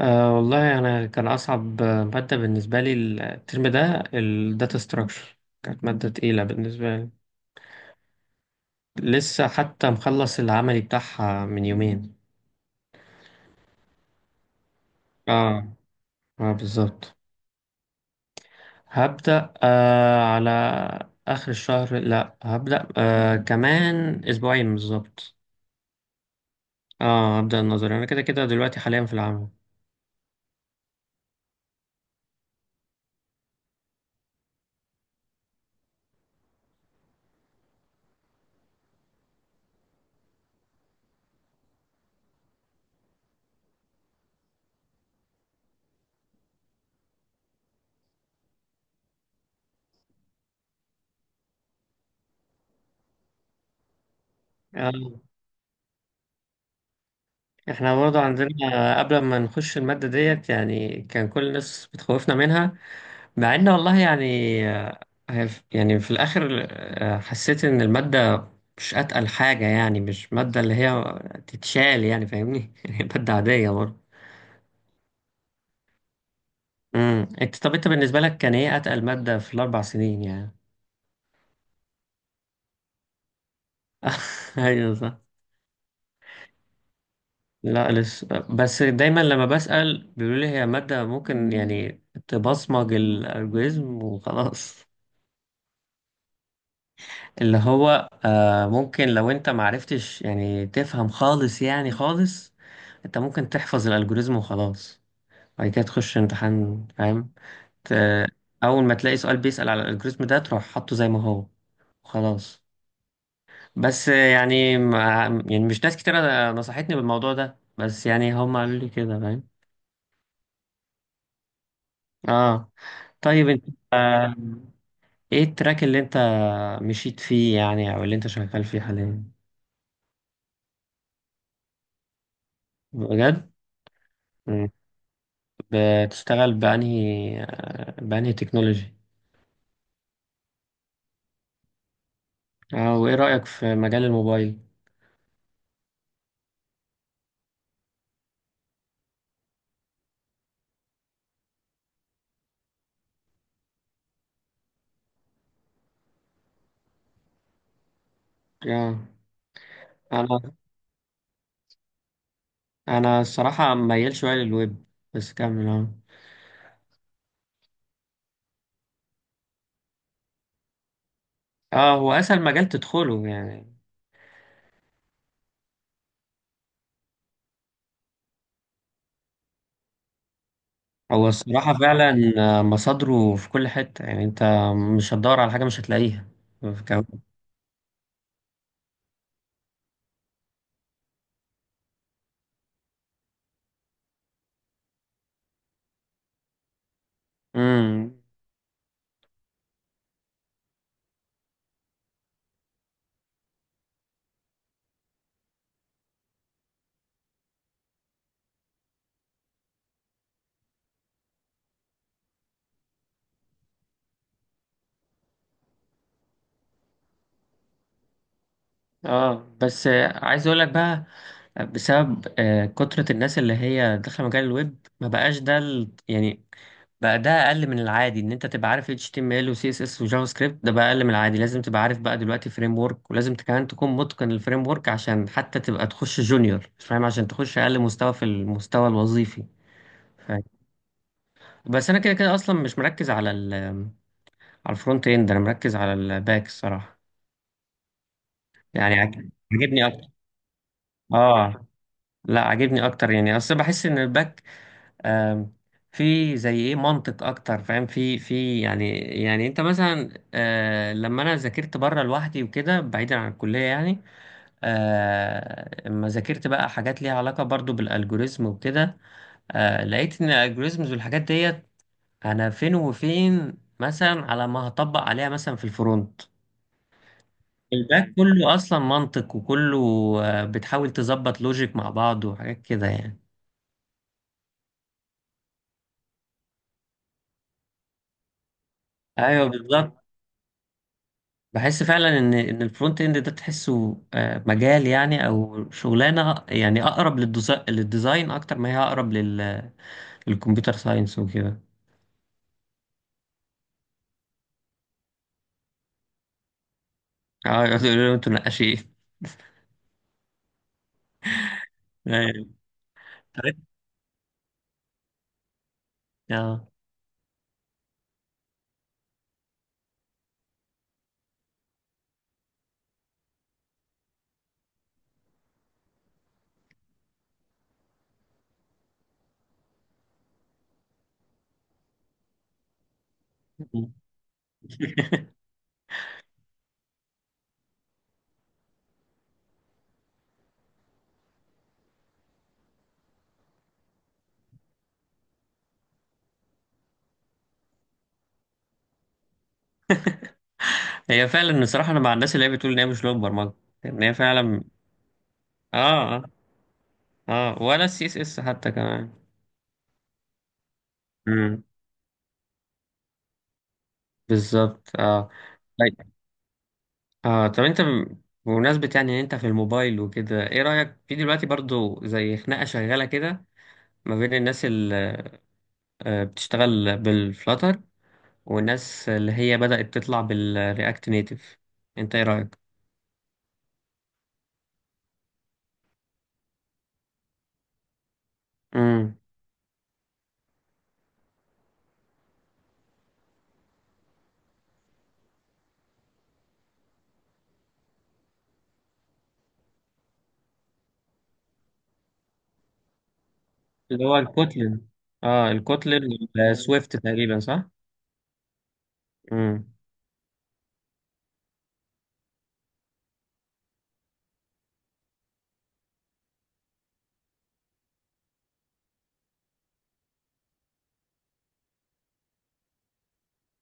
أه، والله أنا كان أصعب مادة بالنسبة لي الترم ده، الداتا ستراكشر كانت مادة تقيلة بالنسبة لي. لسه حتى مخلص العملي بتاعها من يومين. اه، اه بالظبط. هبدأ على آخر الشهر، لا، هبدأ كمان أسبوعين بالظبط. اه، هبدأ النظري. أنا كده كده دلوقتي حاليا في العمل. آه. احنا برضه عندنا قبل ما نخش المادة ديت، يعني كان كل الناس بتخوفنا منها. مع ان والله يعني، آه، هي يعني في الاخر، حسيت ان المادة مش اتقل حاجة. يعني مش مادة اللي هي تتشال، يعني فاهمني. هي مادة عادية برضه. انت، طب انت بالنسبة لك كان ايه اتقل مادة في الاربع سنين يعني؟ ايوه صح. لا، لسه. بس دايما لما بسأل بيقولوا لي هي مادة ممكن يعني تبصمج الالجوريزم وخلاص. اللي هو ممكن، لو انت معرفتش يعني تفهم خالص يعني خالص، انت ممكن تحفظ الالجوريزم وخلاص. بعد كده تخش امتحان فاهم. ت- اول ما تلاقي سؤال بيسأل على الالجوريزم ده تروح حاطه زي ما هو خلاص. بس يعني يعني مش ناس كتير نصحتني بالموضوع ده، بس يعني هم قالوا لي كده فاهم. اه، طيب انت، آه ايه التراك اللي انت مشيت فيه يعني، او اللي انت شغال فيه حاليا؟ بجد؟ بتشتغل بأنهي تكنولوجي؟ اه، وإيه رأيك في مجال الموبايل؟ اه، أنا أنا الصراحة ميال شوية للويب. بس كمل. اه. اه، هو أسهل مجال تدخله يعني. هو الصراحة فعلا مصادره في كل حتة، يعني أنت مش هتدور على حاجة مش هتلاقيها. كمان. امم اه، بس عايز اقول لك بقى، بسبب كترة الناس اللي هي داخله مجال الويب، ما بقاش ده يعني، بقى ده اقل من العادي ان انت تبقى عارف HTML و CSS و جافا سكريبت، ده بقى اقل من العادي، لازم تبقى عارف بقى دلوقتي فريم ورك، ولازم كمان تكون متقن الفريم ورك عشان حتى تبقى تخش جونيور، مش فاهم، عشان تخش اقل مستوى في المستوى الوظيفي. فاهم. بس انا كده كده اصلا مش مركز على على الفرونت اند، انا مركز على الباك الصراحه. يعني عاجبني اكتر. اه. لا، عاجبني اكتر. يعني اصل بحس ان الباك، آم، في زي ايه منطق اكتر فاهم، في يعني انت مثلا، لما انا ذاكرت بره لوحدي وكده بعيدا عن الكليه يعني، اما ذاكرت بقى حاجات ليها علاقه برضو بالالجوريزم وكده، لقيت ان الالجوريزمز والحاجات ديت، انا فين وفين مثلا على ما هطبق عليها مثلا في الفرونت. الباك كله اصلا منطق، وكله بتحاول تظبط لوجيك مع بعض وحاجات كده يعني. ايوه بالظبط. بحس فعلا ان الفرونت اند ده تحسه مجال يعني، او شغلانه يعني اقرب للديزاين، اكتر ما هي اقرب للكمبيوتر ساينس وكده. اه يقولوا انتوا نقاشين. أيوة. عرفت؟ اه، هي فعلا الصراحه انا مع الناس اللي هي بتقول ان هي مش لغه برمجه، ان هي فعلا. اه، اه. اه، ولا السي اس اس حتى كمان. امم بالظبط. اه. طيب، اه، طب انت بمناسبة يعني ان انت في الموبايل وكده، ايه رأيك في دلوقتي برضو زي خناقة شغالة كده، ما بين الناس اللي بتشتغل بالفلاتر، والناس اللي هي بدأت تطلع بالرياكت نيتف، انت ايه رأيك؟ امم. اللي هو الكوتلن. اه، الكوتلن. والسويفت تقريبا صح؟ امم.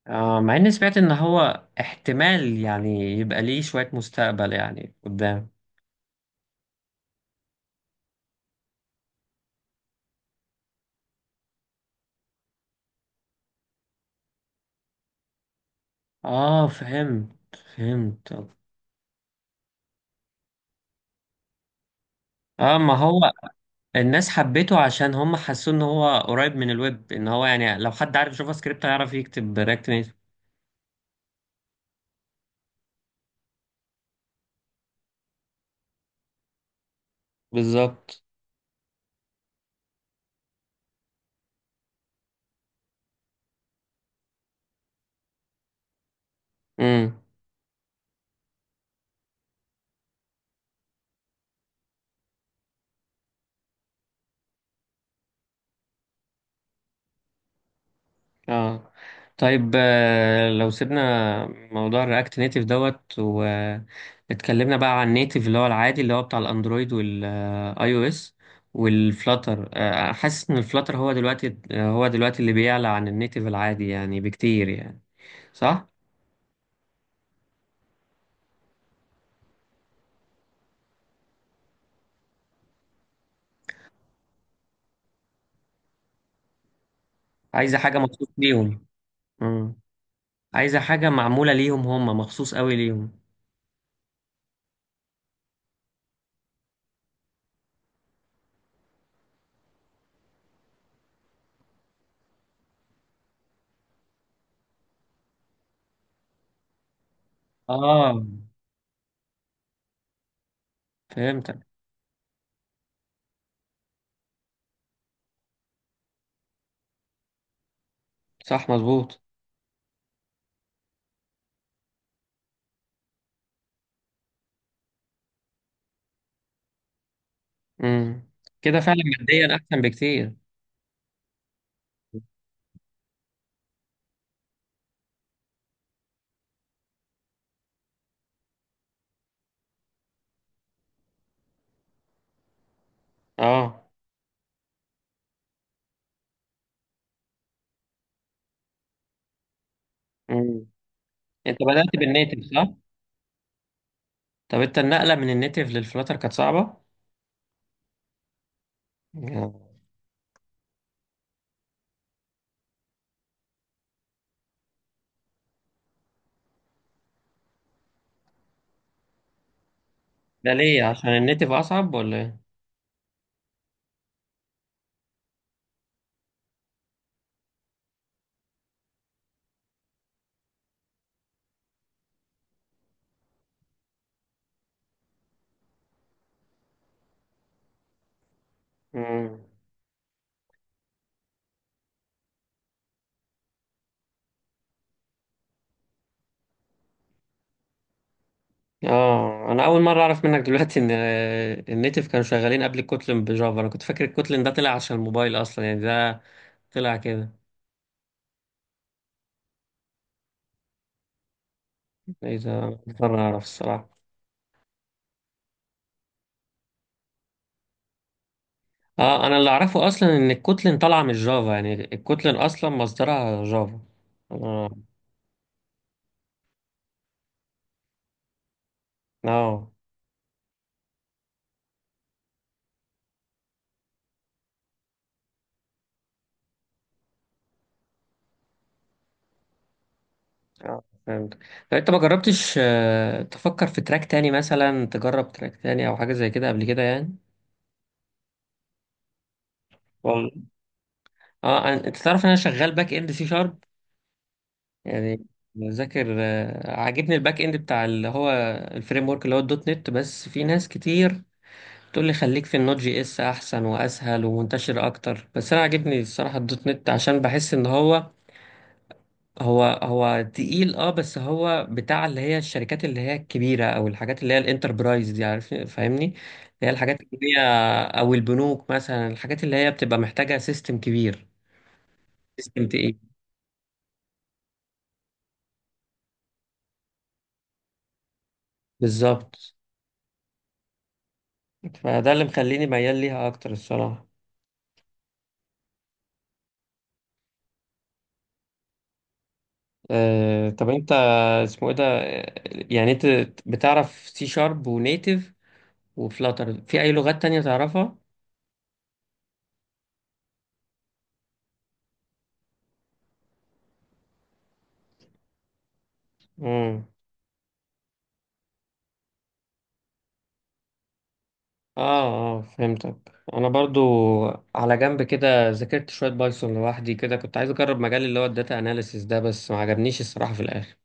مع اني سمعت ان هو احتمال يعني يبقى ليه شوية مستقبل يعني قدام. اه، فهمت فهمت. اه، ما هو الناس حبيته عشان هم حسوا ان هو قريب من الويب، ان هو يعني لو حد عارف جافا سكريبت هيعرف يكتب رياكت نيتف. بالظبط. امم. اه، طيب، لو سيبنا موضوع الرياكت نيتيف دوت، واتكلمنا بقى عن النيتيف اللي هو العادي اللي هو بتاع الاندرويد والاي او اس، والفلاتر، حاسس ان الفلاتر هو دلوقتي اللي بيعلى عن النيتيف العادي يعني بكتير يعني. صح. عايزه حاجه مخصوص ليهم. امم عايزه حاجه معموله ليهم، هم مخصوص قوي ليهم. اه، فهمتك. صح مظبوط. امم كده فعلا ماديا احسن بكتير. اه. مم. انت بدأت بالنيتف صح؟ طب انت النقلة من النيتف للفلاتر كانت صعبة؟ مم. ده ليه؟ عشان النيتف أصعب ولا ايه؟ مم. اه، انا اول مرة اعرف منك دلوقتي ان النيتف كانوا شغالين قبل الكوتلين بجافا. انا كنت فاكر الكوتلين ده طلع عشان الموبايل اصلا يعني، ده طلع كده. ايه ده، أول مرة اعرف الصراحة. اه، انا اللي اعرفه اصلا ان الكوتلين طالعة من الجافا، يعني الكوتلين اصلا مصدرها جافا. اه. آه. اه، فهمت. طب انت ما جربتش تفكر في تراك تاني مثلا، تجرب تراك تاني او حاجه زي كده قبل كده يعني؟ والله. اه، انت تعرف ان انا شغال باك اند سي شارب. يعني بذاكر، عاجبني الباك اند بتاع اللي هو الفريم ورك اللي هو الدوت نت. بس في ناس كتير تقول لي خليك في النوت جي اس، احسن واسهل ومنتشر اكتر. بس انا عاجبني الصراحه الدوت نت، عشان بحس ان هو تقيل. اه، بس هو بتاع اللي هي الشركات اللي هي الكبيرة، او الحاجات اللي هي الانتربرايز دي عارف، فاهمني، اللي هي الحاجات اللي هي، او البنوك مثلا، الحاجات اللي هي بتبقى محتاجة سيستم كبير. سيستم تقيل، بالظبط. فده اللي مخليني ميال ليها اكتر الصراحة. طب انت، اسمه ايه ده، يعني انت بتعرف سي شارب ونيتف وفلاتر، في اي لغات تانية تعرفها؟ مم. اه، اه، فهمتك. انا برضو على جنب كده ذاكرت شويه بايثون لوحدي كده، كنت عايز اجرب مجال اللي هو الداتا اناليسيس ده، بس ما عجبنيش الصراحه في الاخر.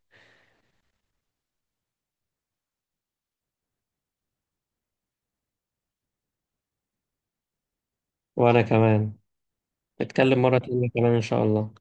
وانا كمان. نتكلم مره تانية كمان ان شاء الله.